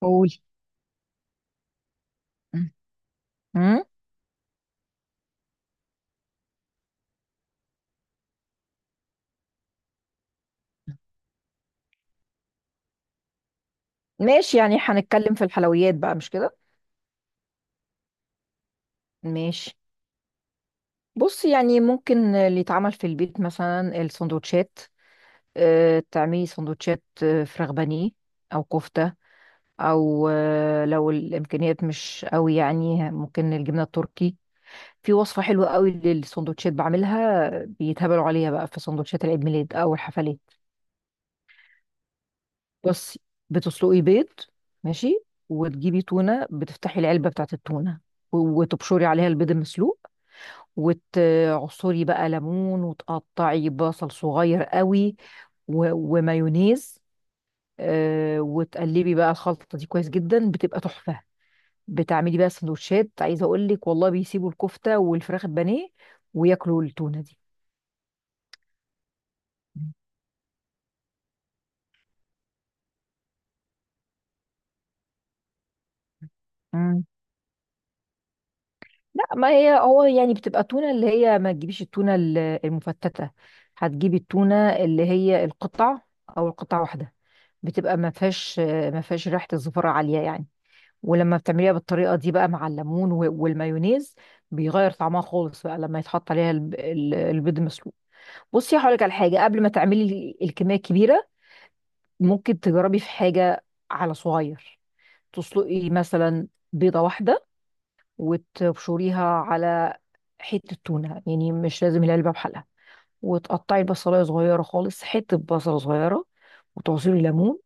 قول. امم. ماشي، يعني هنتكلم في الحلويات بقى، مش كده؟ ماشي. بص، يعني ممكن اللي يتعمل في البيت مثلا السندوتشات. اه، تعملي سندوتشات فراخ بانيه، او كفتة، او لو الامكانيات مش قوي يعني ممكن الجبنة التركي. في وصفة حلوة قوي للسندوتشات بعملها بيتهبلوا عليها بقى في سندوتشات العيد ميلاد او الحفلات. بصي، بتسلقي بيض. ماشي، وتجيبي تونة، بتفتحي العلبة بتاعت التونة، وتبشري عليها البيض المسلوق، وتعصري بقى ليمون، وتقطعي بصل صغير قوي، ومايونيز. وتقلبي بقى الخلطة دي كويس جدا، بتبقى تحفة. بتعملي بقى سندوتشات، عايزة اقول لك والله بيسيبوا الكفتة والفراخ البانيه وياكلوا التونة دي. مم. لا، ما هي هو يعني بتبقى تونة، اللي هي ما تجيبيش التونة المفتتة، هتجيبي التونة اللي هي القطع، او القطع واحدة، بتبقى ما فيهاش، ما فيهاش ريحة الزفرة عالية يعني. ولما بتعمليها بالطريقة دي بقى، مع الليمون والمايونيز، بيغير طعمها خالص بقى لما يتحط عليها البيض مسلوق. بصي، هقولك على حاجة قبل ما تعملي الكمية الكبيرة، ممكن تجربي في حاجة على صغير، تسلقي مثلا بيضة واحدة، وتبشريها على حتة تونة، يعني مش لازم العلبة بحالها، وتقطعي البصلاية صغيرة خالص، حتة بصلة صغيرة، وتعصري ليمون،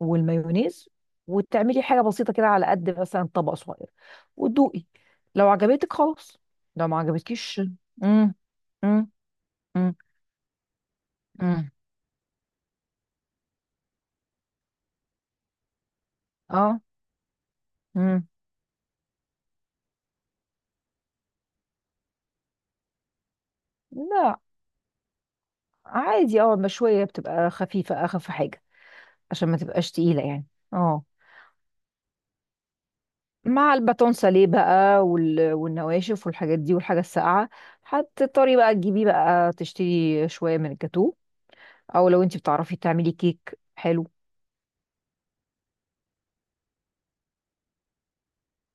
والمايونيز، وتعملي حاجة بسيطة كده على قد مثلا طبق صغير، وتدوقي. لو عجبتك خلاص، لو ما عجبتكيش. امم. امم. امم. امم. اه. امم. لا، عادي، اه المشوية بتبقى خفيفة، أخف حاجة، عشان ما تبقاش تقيلة يعني. اه. مع الباتون ساليه بقى والنواشف والحاجات دي والحاجة الساقعة، هتضطري بقى تجيبيه، بقى تشتري شوية من الجاتو، أو لو انتي بتعرفي تعملي كيك حلو.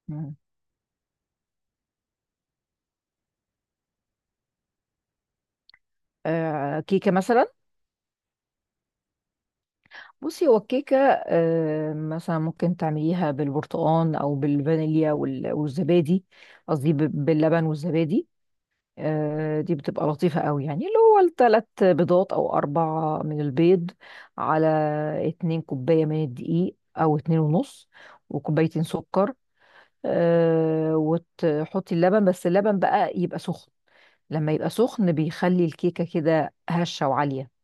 مم. آه، كيكة مثلا. بصي، هو الكيكة آه مثلا ممكن تعمليها بالبرتقال أو بالفانيليا والزبادي، قصدي باللبن والزبادي. دي بتبقى لطيفة قوي، يعني اللي هو التلات بيضات أو أربعة من البيض، على اتنين كوباية من الدقيق أو اتنين ونص، وكوبايتين سكر. وتحطي اللبن، بس اللبن بقى يبقى سخن، لما يبقى سخن بيخلي الكيكة كده هشة وعالية،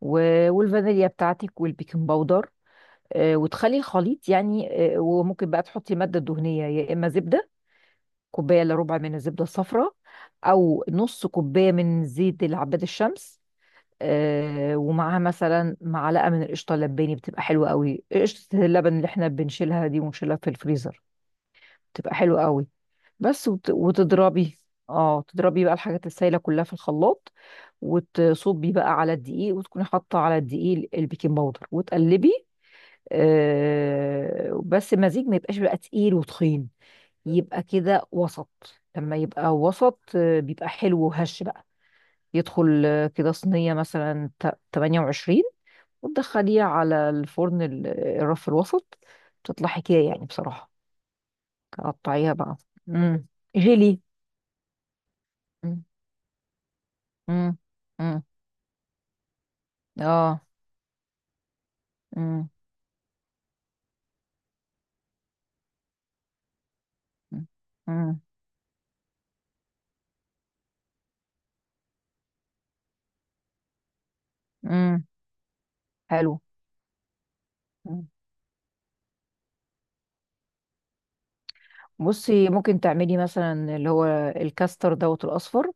والفانيليا بتاعتك والبيكنج باودر. وتخلي الخليط يعني. وممكن بقى تحطي مادة دهنية، يا إما زبدة، كوبايه الا ربع من الزبده الصفراء، او نص كوبايه من زيت العباد الشمس. آه، ومعاها مثلا معلقه من القشطه اللباني بتبقى حلوه قوي، قشطه اللبن اللي احنا بنشيلها دي ونشيلها في الفريزر، بتبقى حلوه قوي. بس وتضربي، اه تضربي بقى الحاجات السايله كلها في الخلاط، وتصبي بقى على الدقيق، وتكوني حاطه على الدقيق البيكنج باودر، وتقلبي. آه، بس المزيج ما يبقاش بقى تقيل وتخين، يبقى كده وسط، لما يبقى وسط بيبقى حلو وهش بقى، يدخل كده صينية مثلا 28، وتدخليها على الفرن الرف الوسط، تطلع حكاية يعني بصراحة. قطعيها بقى. مم. جيلي. مم. مم. مم. اه. مم. مم. مم. مم. حلو. مم. بصي، ممكن تعملي مثلا اللي هو الكاستر دوت الأصفر.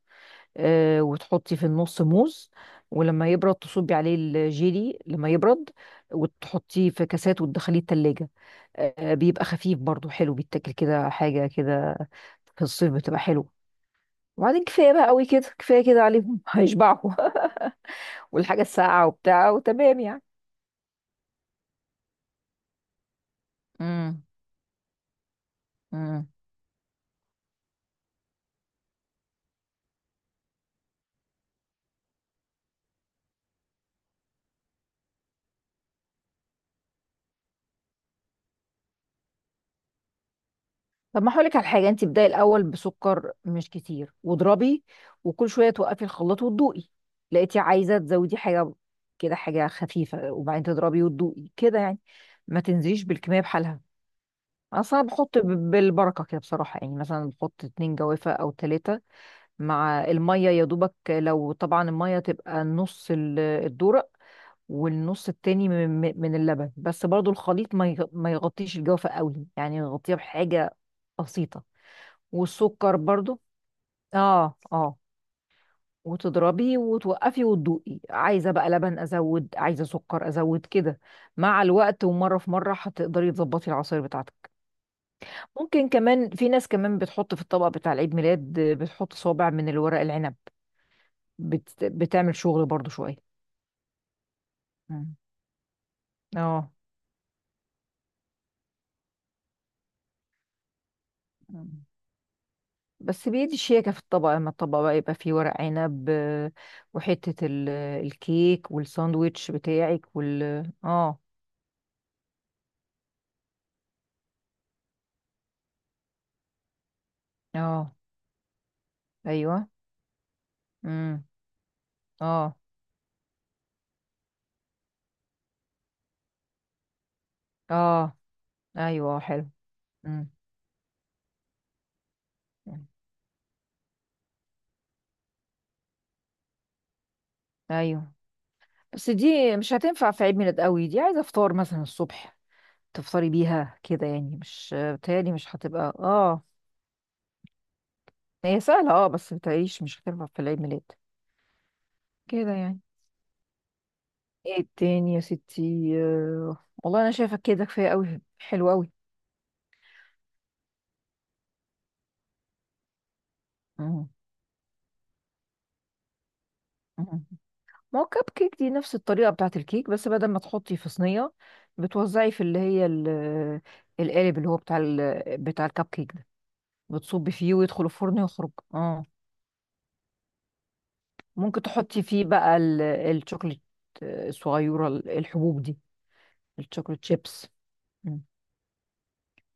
وتحطي في النص موز، ولما يبرد تصبي عليه الجيلي، لما يبرد وتحطيه في كاسات وتدخليه التلاجة. بيبقى خفيف برضو حلو، بيتاكل كده حاجة كده في الصيف، بتبقى حلوة. وبعدين كفاية بقى قوي كده، كفاية كده عليهم هيشبعوا. والحاجة الساقعة وبتاع وتمام يعني. امم. طب، ما هقولك على حاجه، انت ابداي الاول بسكر مش كتير واضربي، وكل شويه توقفي الخلاط وتدوقي، لقيتي عايزه تزودي حاجه كده حاجه خفيفه، وبعدين تضربي وتدوقي كده يعني، ما تنزليش بالكميه بحالها. اصلا بحط بالبركه كده بصراحه، يعني مثلا بحط اتنين جوافه او تلاته، مع الميه يا دوبك، لو طبعا الميه تبقى نص الدورق، والنص التاني من اللبن، بس برضو الخليط ما يغطيش الجوافه قوي، يعني يغطيها بحاجه بسيطه، والسكر برضو. اه، اه، وتضربي وتوقفي وتدوقي، عايزه بقى لبن ازود، عايزه سكر ازود كده، مع الوقت، ومره في مره هتقدري تظبطي العصير بتاعتك. ممكن كمان، في ناس كمان بتحط في الطبق بتاع العيد ميلاد بتحط صوابع من الورق العنب، بتعمل شغل برضو شويه. مم. اه. مم. بس بيدي شياكة في الطبق، لما الطبق بقى يبقى فيه ورق عنب وحتة الكيك والساندويتش بتاعك وال اه. اه. ايوه. امم. اه. اه. ايوه، حلو. امم. ايوه، بس دي مش هتنفع في عيد ميلاد قوي، دي عايزه فطار مثلا الصبح تفطري بيها كده يعني، مش بتهيألي مش هتبقى. اه، هي سهله اه، بس بتعيش مش هتنفع في العيد ميلاد كده يعني. ايه تاني يا ستي والله انا شايفه كده كفايه قوي، حلو قوي. مم. مم. ما هو كب كيك دي نفس الطريقه بتاعت الكيك، بس بدل ما تحطي في صينيه بتوزعي في اللي هي القالب اللي هو بتاع بتاع الكب كيك، بتصبي فيه ويدخل الفرن ويخرج. اه، ممكن تحطي فيه بقى الشوكليت الصغيرة الحبوب دي، الشوكليت شيبس. مم.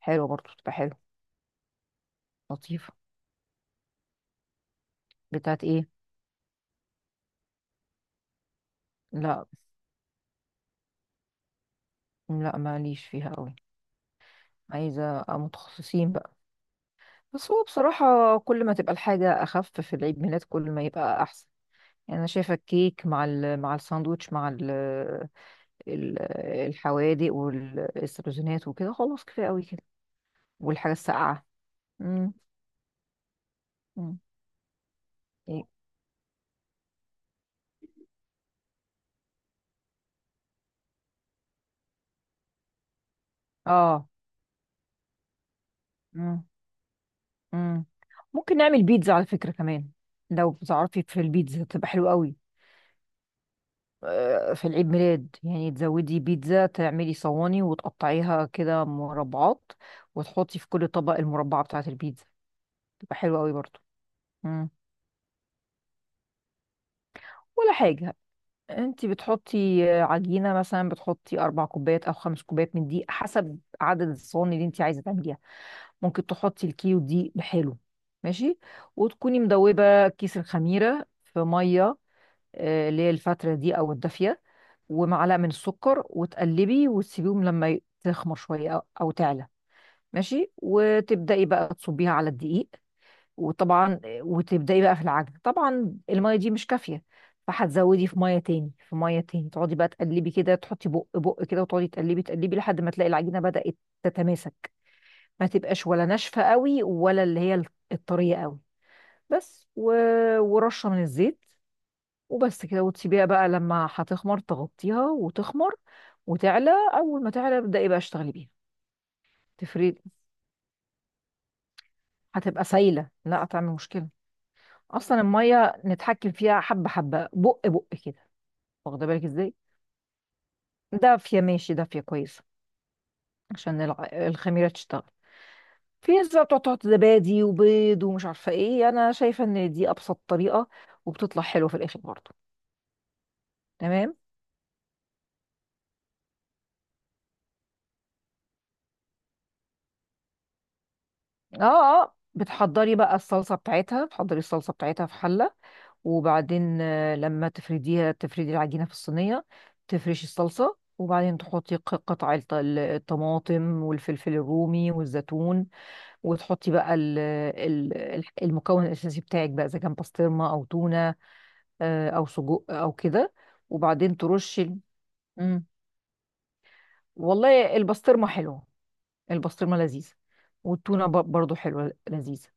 حلوة برضو، تبقى حلوة لطيفة. بتاعت ايه؟ لا، لا ماليش فيها قوي، عايزة أبقى متخصصين بقى. بس هو بصراحة كل ما تبقى الحاجة أخف في العيد ميلاد كل ما يبقى أحسن، يعني أنا شايفة الكيك مع ال مع الساندوتش مع ال ال- الحوادق والسبزونات وكده خلاص كفاية قوي كده، والحاجة الساقعة. مم. مم. اه. مم. مم. ممكن نعمل بيتزا على فكرة كمان، لو بتعرفي، في البيتزا تبقى حلوة قوي. في العيد ميلاد يعني تزودي بيتزا، تعملي صواني وتقطعيها كده مربعات، وتحطي في كل طبق المربعة بتاعة البيتزا، تبقى حلوة قوي برضو. مم. ولا حاجة، انت بتحطي عجينة مثلا، بتحطي أربع كوبايات أو خمس كوبايات من دقيق حسب عدد الصواني اللي انت عايزة تعمليها، ممكن تحطي الكيو دي بحاله. ماشي، وتكوني مدوبة كيس الخميرة في مية، اللي هي الفترة دي أو الدافية، ومعلقة من السكر وتقلبي وتسيبيهم لما تخمر شوية أو أو تعلى. ماشي، وتبدأي بقى تصبيها على الدقيق وطبعا، وتبدأي بقى في العجن، طبعا المية دي مش كافية، فهتزودي في مية تاني في مية تاني، تقعدي بقى تقلبي كده تحطي بق بق كده، وتقعدي تقلبي تقلبي لحد ما تلاقي العجينة بدأت تتماسك، ما تبقاش ولا ناشفة قوي ولا اللي هي الطرية قوي. بس ورشة من الزيت، وبس كده، وتسيبيها بقى لما هتخمر، تغطيها وتخمر وتعلى، اول ما تعلى ابدأي بقى اشتغلي بيها. تفريد. هتبقى سايلة، لا هتعمل مشكلة، اصلا المية نتحكم فيها حبة حبة بق بق كده. واخدة بالك ازاي؟ دافية، ماشي دافية كويسة، عشان الخميرة تشتغل. في ناس بقى بتقعد تحط زبادي وبيض ومش عارفة ايه، انا شايفة ان دي ابسط طريقة، وبتطلع حلوة في الاخر برضه. تمام. اه، اه، بتحضري بقى الصلصه بتاعتها، بتحضري الصلصه بتاعتها في حله، وبعدين لما تفرديها تفردي العجينه في الصينيه، تفرشي الصلصه، وبعدين تحطي قطع الطماطم والفلفل الرومي والزيتون، وتحطي بقى المكون الاساسي بتاعك بقى، اذا كان بسطرمه او تونه، او سجق او كده. وبعدين ترشي مم. والله البسطرمه حلوه، البسطرمه لذيذه، والتونه برضو حلوه لذيذه،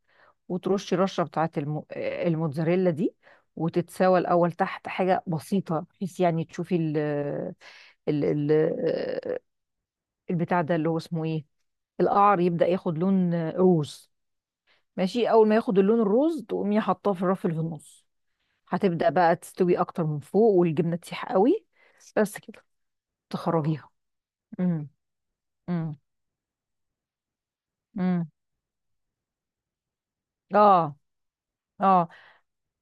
وترشي رشه بتاعه الموتزاريلا دي، وتتساوى الاول تحت حاجه بسيطه، بحيث يعني تشوفي ال... ال... البتاع ده اللي هو اسمه ايه، القعر يبدا ياخد لون روز، ماشي اول ما ياخد اللون الروز تقومي حاطاه في الرف اللي في النص، هتبدا بقى تستوي اكتر من فوق، والجبنه تسيح قوي، بس كده، تخرجيها. امم. امم. امم. اه. اه.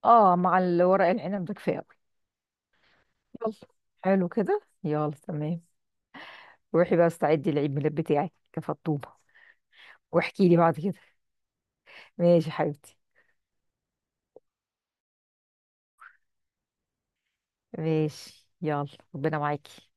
اه، مع الورق العنب ده كفايه قوي. يلا، حلو كده، يلا تمام، روحي بقى استعدي العيد ميلاد بتاعك كفطومة. واحكي لي بعد كده، ماشي يا حبيبتي، ماشي يلا، ربنا معاكي.